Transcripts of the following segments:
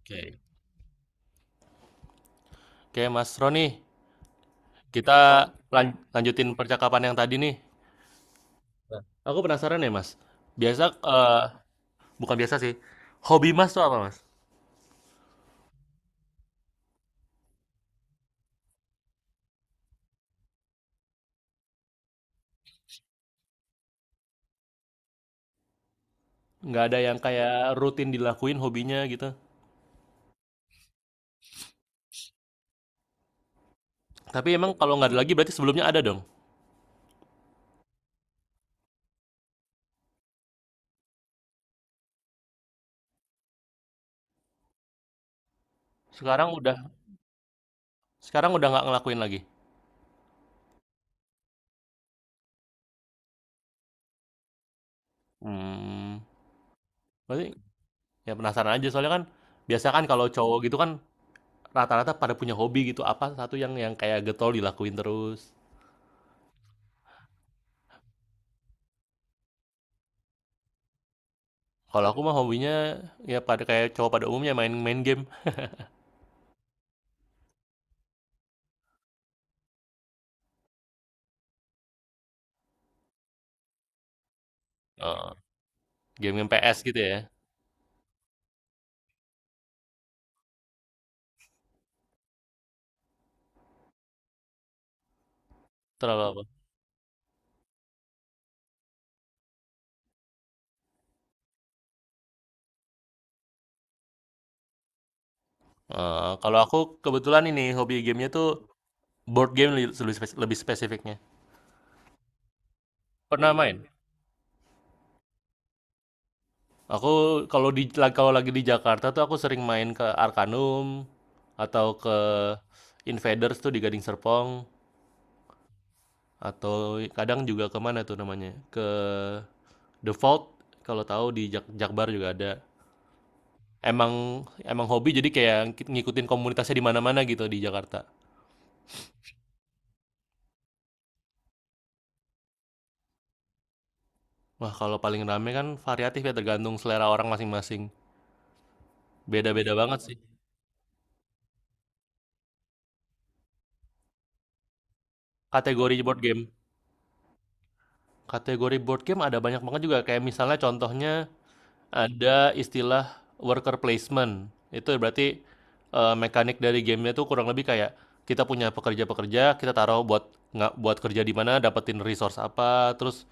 Oke. Oke, Mas Roni, kita lanjutin percakapan yang tadi nih. Aku penasaran ya, Mas. Biasa bukan biasa sih. Hobi Mas tuh apa, Mas? Nggak ada yang kayak rutin dilakuin hobinya gitu. Tapi emang kalau nggak ada lagi berarti sebelumnya ada dong. Sekarang udah sekarang udah nggak ngelakuin lagi. Hmm. Berarti ya penasaran aja soalnya kan biasa kan kalau cowok gitu kan rata-rata pada punya hobi gitu apa satu yang kayak getol dilakuin terus. Kalau aku mah hobinya ya pada kayak cowok pada umumnya main main game. Game-game PS gitu ya? Terlalu apa? Kalau aku kebetulan ini hobi gamenya tuh board game lebih lebih spesifiknya. Pernah main? Aku kalau lagi di Jakarta tuh aku sering main ke Arcanum atau ke Invaders tuh di Gading Serpong atau kadang juga ke mana tuh namanya? Ke The Vault kalau tahu di Jakbar juga ada. Emang emang hobi jadi kayak ngikutin komunitasnya di mana-mana gitu di Jakarta. Wah, kalau paling rame kan variatif ya tergantung selera orang masing-masing. Beda-beda banget sih. Kategori board game. Kategori board game ada banyak banget juga. Kayak misalnya contohnya ada istilah worker placement. Itu berarti mekanik dari gamenya tuh kurang lebih kayak kita punya pekerja-pekerja, kita taruh buat nggak buat kerja di mana, dapetin resource apa, terus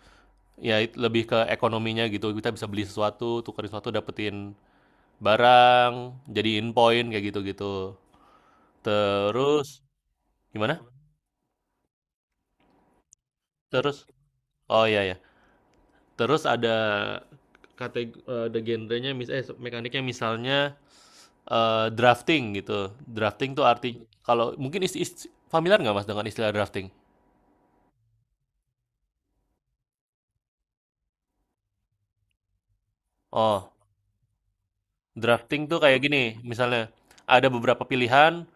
ya lebih ke ekonominya gitu. Kita bisa beli sesuatu, tukerin sesuatu, dapetin barang, jadiin poin kayak gitu-gitu. Terus gimana? Terus oh iya ya. Terus ada kategori ada genrenya mis eh mekaniknya misalnya drafting gitu. Drafting tuh arti kalau mungkin familiar nggak Mas dengan istilah drafting? Oh, drafting tuh kayak gini, misalnya ada beberapa pilihan,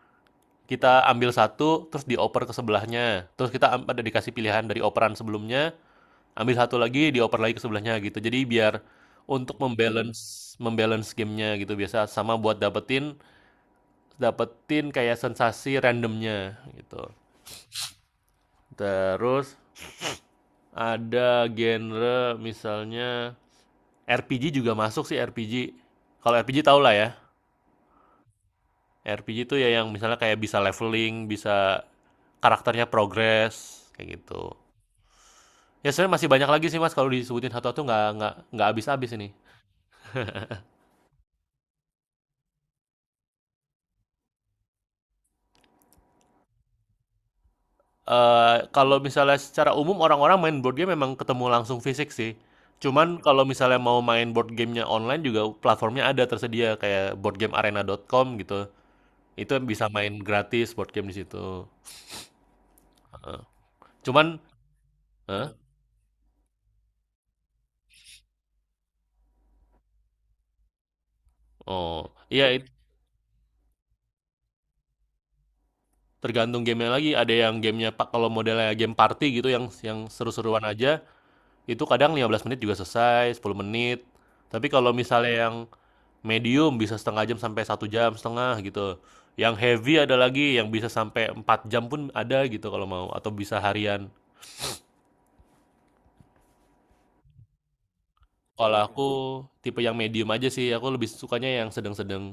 kita ambil satu terus dioper ke sebelahnya. Terus kita ada dikasih pilihan dari operan sebelumnya, ambil satu lagi dioper lagi ke sebelahnya gitu. Jadi biar untuk membalance membalance gamenya gitu biasa sama buat dapetin dapetin kayak sensasi randomnya gitu. Terus ada genre misalnya RPG juga masuk sih RPG. Kalau RPG tau lah ya. RPG itu ya yang misalnya kayak bisa leveling, bisa karakternya progress kayak gitu. Ya sebenarnya masih banyak lagi sih mas kalau disebutin satu-satu nggak habis-habis ini. Eee, kalau misalnya secara umum orang-orang main board game memang ketemu langsung fisik sih. Cuman kalau misalnya mau main board gamenya online juga platformnya ada tersedia kayak boardgamearena.com gitu. Itu bisa main gratis board game di situ, heeh. Cuman heeh? Oh, iya tergantung gamenya lagi, ada yang gamenya pak kalau modelnya game party gitu yang seru-seruan aja, itu kadang 15 menit juga selesai, 10 menit. Tapi kalau misalnya yang medium bisa setengah jam sampai satu jam setengah gitu. Yang heavy ada lagi yang bisa sampai 4 jam pun ada gitu kalau mau atau bisa harian. Kalau aku tipe yang medium aja sih, aku lebih sukanya yang sedang-sedang.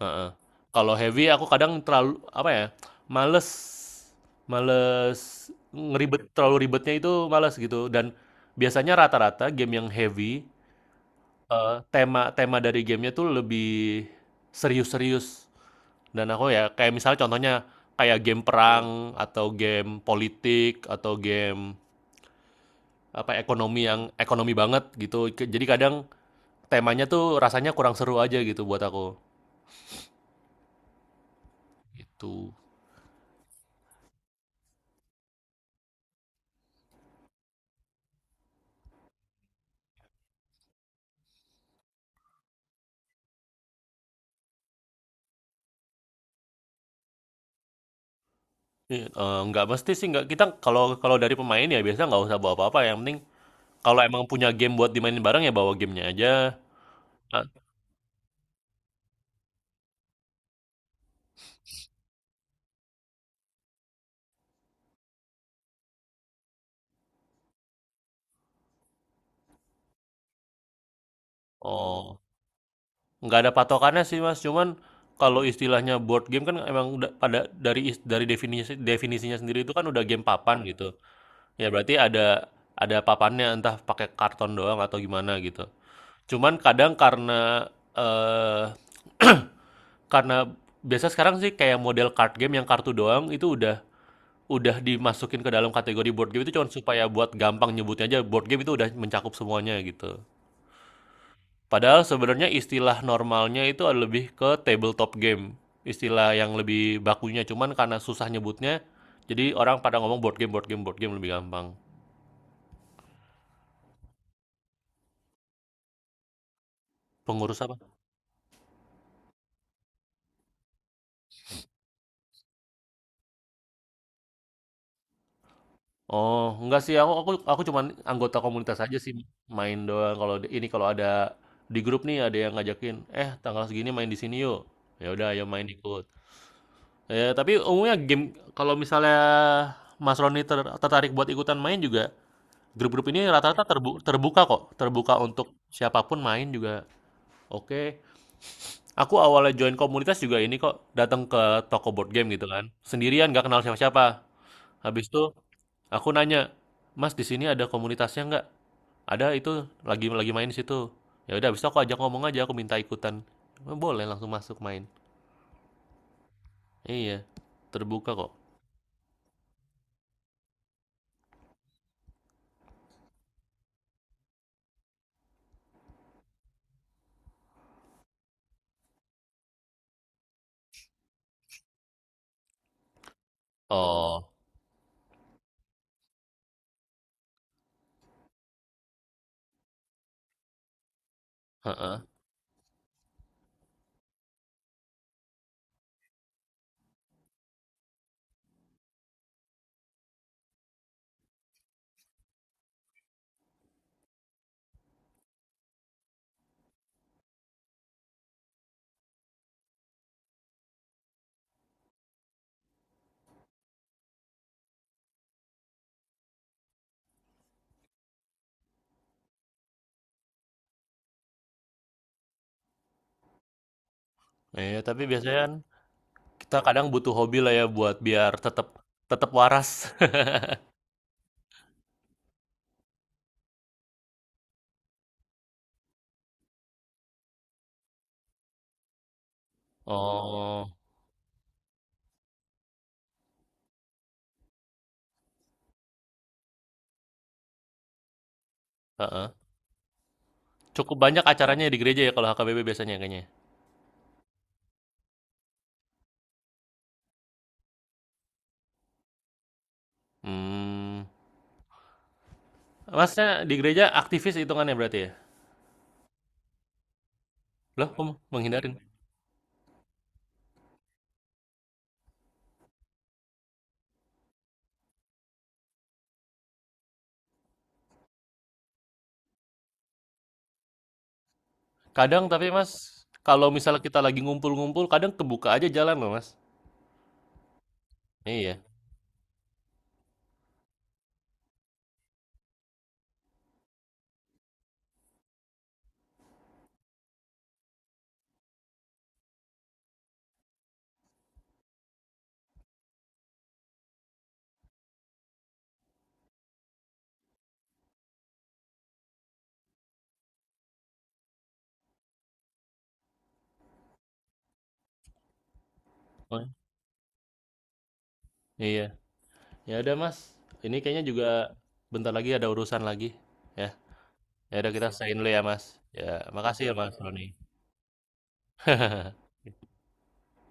Heeh. Kalau heavy aku kadang terlalu apa ya? Males males ngeribet terlalu ribetnya itu males gitu dan biasanya rata-rata game yang heavy tema tema dari gamenya tuh lebih serius-serius. Dan aku ya kayak misalnya contohnya kayak game perang atau game politik atau game apa ekonomi yang ekonomi banget gitu. Jadi kadang temanya tuh rasanya kurang seru aja gitu buat aku. Itu nggak mesti sih nggak kita kalau kalau dari pemain ya biasanya nggak usah bawa apa-apa. Yang penting kalau emang punya game buat dimainin bareng ya bawa gamenya aja. Ah, oh, nggak ada patokannya sih mas. Cuman kalau istilahnya board game kan emang udah pada dari definisinya sendiri itu kan udah game papan gitu. Ya berarti ada papannya, entah pakai karton doang atau gimana gitu. Cuman kadang karena, eee, karena biasa sekarang sih kayak model card game yang kartu doang itu udah dimasukin ke dalam kategori board game itu cuman supaya buat gampang nyebutnya aja board game itu udah mencakup semuanya gitu. Padahal sebenarnya istilah normalnya itu lebih ke tabletop game, istilah yang lebih bakunya, cuman karena susah nyebutnya, jadi orang pada ngomong board game lebih gampang. Pengurus apa? Oh, enggak sih aku cuman anggota komunitas aja sih, main doang kalau di ini kalau ada di grup nih ada yang ngajakin, "Eh, tanggal segini main di sini yuk." Ya udah ayo main ikut. Ya, tapi umumnya game kalau misalnya Mas Roni tertarik buat ikutan main juga, grup-grup ini rata-rata terbuka kok, terbuka untuk siapapun main juga. Oke. Aku awalnya join komunitas juga ini kok, datang ke toko board game gitu kan. Sendirian nggak kenal siapa-siapa. Habis itu aku nanya, "Mas, di sini ada komunitasnya nggak?" "Ada, itu lagi main di situ." Ya udah, habis itu aku ajak ngomong aja, aku minta ikutan. "Oh, boleh langsung masuk main. Iya, terbuka kok." Oh, heeh. Iya, tapi biasanya kan kita kadang butuh hobi lah ya buat biar tetap tetap waras. Oh, heeh. Cukup banyak acaranya di gereja ya kalau HKBP biasanya kayaknya. Hmm. Masnya di gereja aktivis hitungannya berarti ya? Loh, kamu menghindarin? Kadang tapi Mas, kalau misalnya kita lagi ngumpul-ngumpul, kadang kebuka aja jalan loh Mas. Iya, oh, iya. Ya udah Mas, ini kayaknya juga bentar lagi ada urusan lagi. Ya, ya udah kita sign dulu ya Mas. Ya, makasih ya Mas.